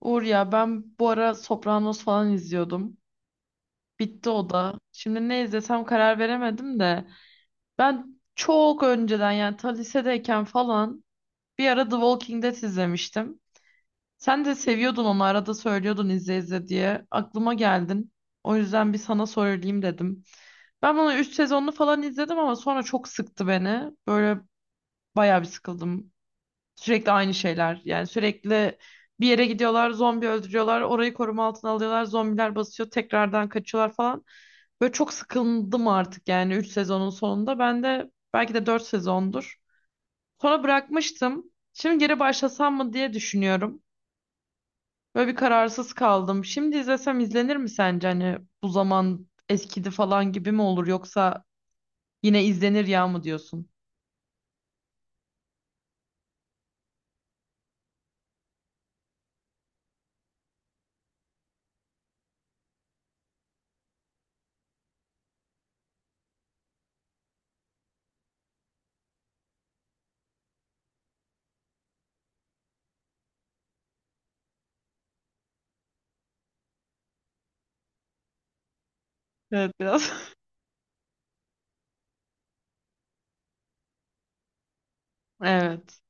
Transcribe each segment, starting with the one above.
Uğur ya ben bu ara Sopranos falan izliyordum. Bitti o da. Şimdi ne izlesem karar veremedim de. Ben çok önceden yani ta lisedeyken falan bir ara The Walking Dead izlemiştim. Sen de seviyordun onu arada söylüyordun izle izle diye. Aklıma geldin. O yüzden bir sana söyleyeyim dedim. Ben bunu 3 sezonlu falan izledim ama sonra çok sıktı beni. Böyle bayağı bir sıkıldım. Sürekli aynı şeyler. Yani sürekli bir yere gidiyorlar, zombi öldürüyorlar, orayı koruma altına alıyorlar, zombiler basıyor, tekrardan kaçıyorlar falan. Böyle çok sıkıldım artık yani 3 sezonun sonunda. Ben de belki de 4 sezondur. Sonra bırakmıştım. Şimdi geri başlasam mı diye düşünüyorum. Böyle bir kararsız kaldım. Şimdi izlesem izlenir mi sence? Hani bu zaman eskidi falan gibi mi olur yoksa yine izlenir ya mı diyorsun? Evet biraz. Evet.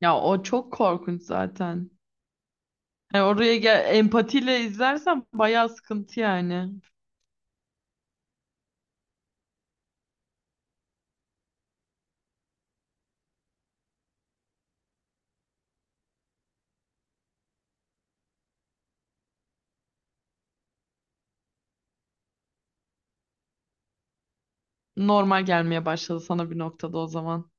Ya o çok korkunç zaten. Yani oraya gel empatiyle izlersen bayağı sıkıntı yani. Normal gelmeye başladı sana bir noktada o zaman.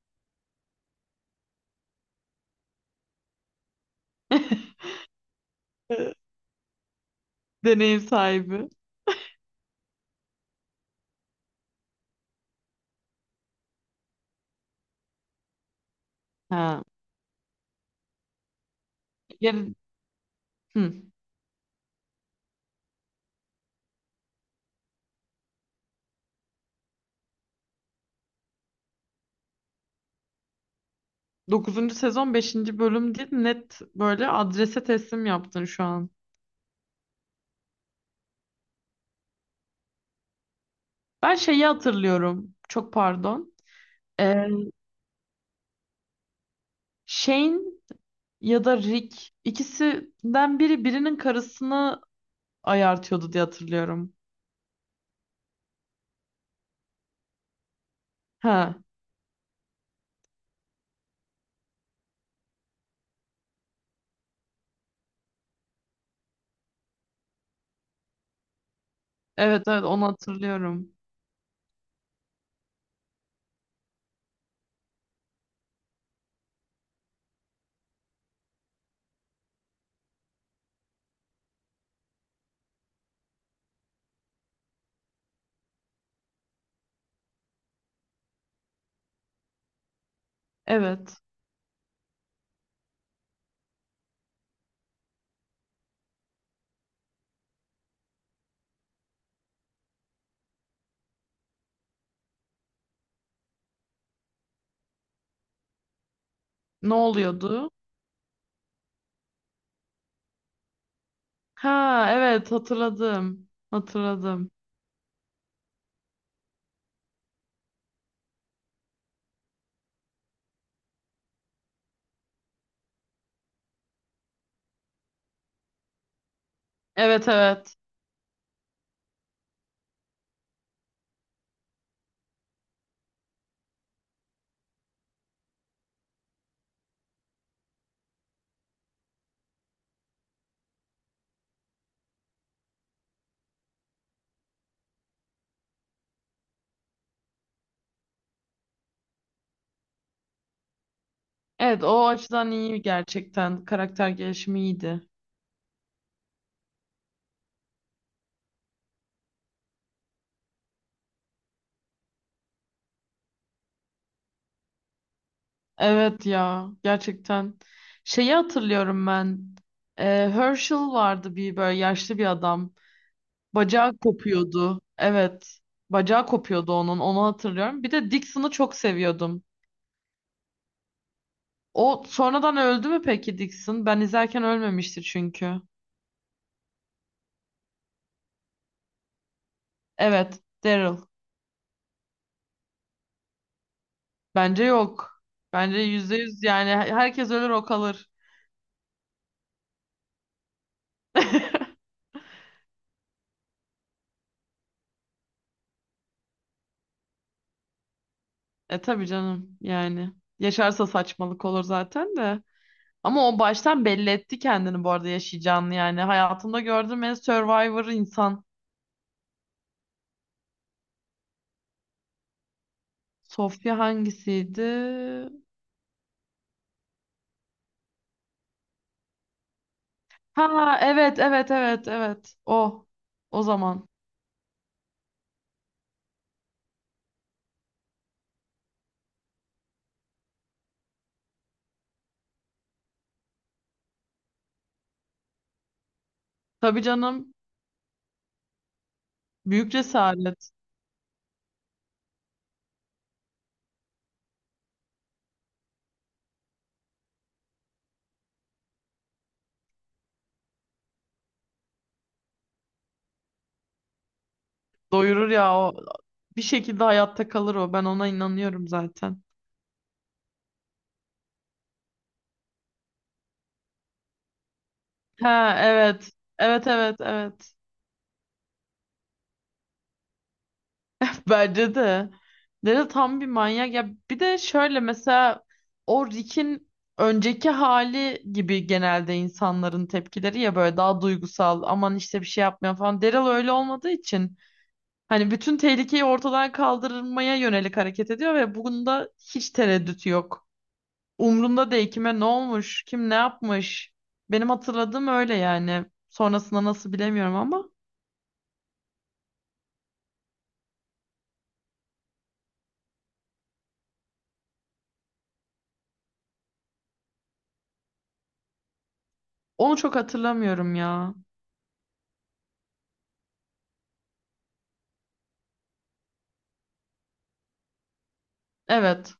Deneyim sahibi. Ha. Yani, hı. 9. sezon 5. bölüm değil net böyle adrese teslim yaptın şu an. Ben şeyi hatırlıyorum. Çok pardon. Ee, Shane ya da Rick ikisinden biri birinin karısını ayartıyordu diye hatırlıyorum. Ha. Evet evet onu hatırlıyorum. Evet. Ne oluyordu? Ha evet hatırladım. Hatırladım. Evet evet. Evet o açıdan iyi gerçekten. Karakter gelişimi iyiydi. Evet ya gerçekten. Şeyi hatırlıyorum ben. Ee, Herschel vardı bir böyle yaşlı bir adam. Bacağı kopuyordu. Evet. Bacağı kopuyordu onun. Onu hatırlıyorum. Bir de Dixon'ı çok seviyordum. O sonradan öldü mü peki Dixon? Ben izlerken ölmemişti çünkü. Evet. Daryl. Bence yok. Bence yüzde yüz yani herkes ölür o kalır. E tabii canım yani. Yaşarsa saçmalık olur zaten de. Ama o baştan belli etti kendini bu arada yaşayacağını yani. Hayatımda gördüğüm en survivor insan. Sofya hangisiydi? Ha evet evet evet evet. O. O zaman. Tabii canım. Büyük cesaret. Doyurur ya o. Bir şekilde hayatta kalır o. Ben ona inanıyorum zaten. Ha evet. Evet evet evet. Bence de. Daryl tam bir manyak. Ya bir de şöyle mesela o Rick'in önceki hali gibi genelde insanların tepkileri ya böyle daha duygusal aman işte bir şey yapmıyor falan. Daryl öyle olmadığı için hani bütün tehlikeyi ortadan kaldırmaya yönelik hareket ediyor ve bunda hiç tereddüt yok. Umrunda değil kime ne olmuş, kim ne yapmış. Benim hatırladığım öyle yani. Sonrasında nasıl bilemiyorum ama onu çok hatırlamıyorum ya. Evet.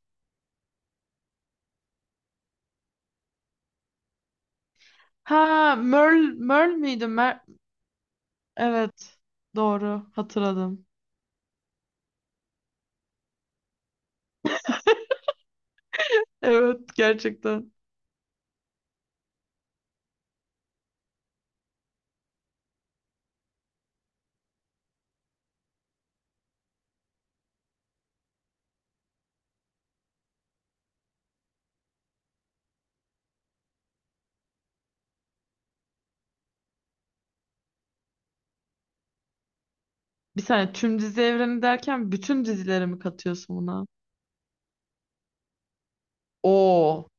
Ha, Merl, Merl miydi? Evet. Doğru. Hatırladım. Evet, gerçekten. Bir saniye tüm dizi evreni derken bütün dizileri mi katıyorsun buna? Oo.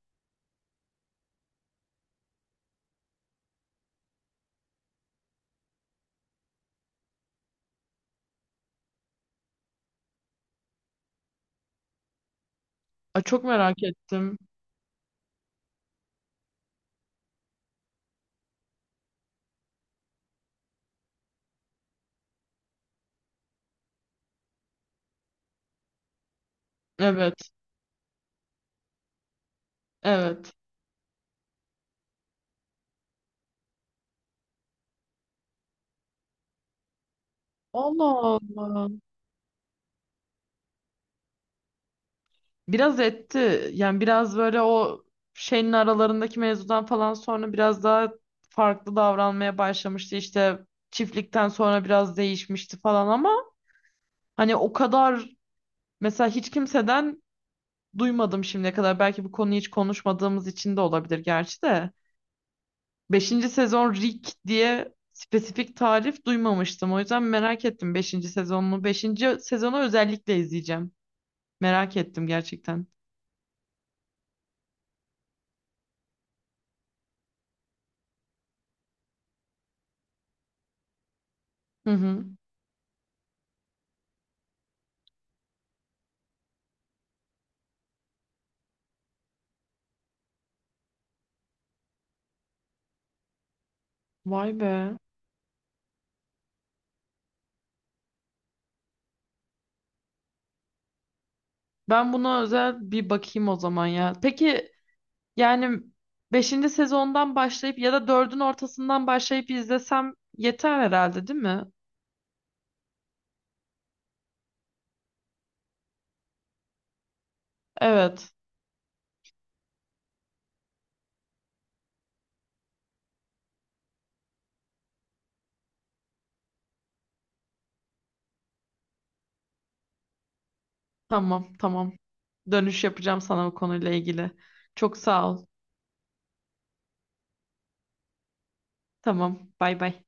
Ay, çok merak ettim. Evet. Evet. Allah Allah. Biraz etti. Yani biraz böyle o şeyin aralarındaki mevzudan falan sonra biraz daha farklı davranmaya başlamıştı. İşte çiftlikten sonra biraz değişmişti falan ama hani o kadar mesela hiç kimseden duymadım şimdiye kadar. Belki bu konuyu hiç konuşmadığımız için de olabilir gerçi de. Beşinci sezon Rick diye spesifik tarif duymamıştım. O yüzden merak ettim beşinci sezonunu. Beşinci sezonu özellikle izleyeceğim. Merak ettim gerçekten. Hı hı. Vay be. Ben buna özel bir bakayım o zaman ya. Peki yani beşinci sezondan başlayıp ya da dördün ortasından başlayıp izlesem yeter herhalde değil mi? Evet. Tamam, tamam. Dönüş yapacağım sana bu konuyla ilgili. Çok sağ ol. Tamam, bay bay.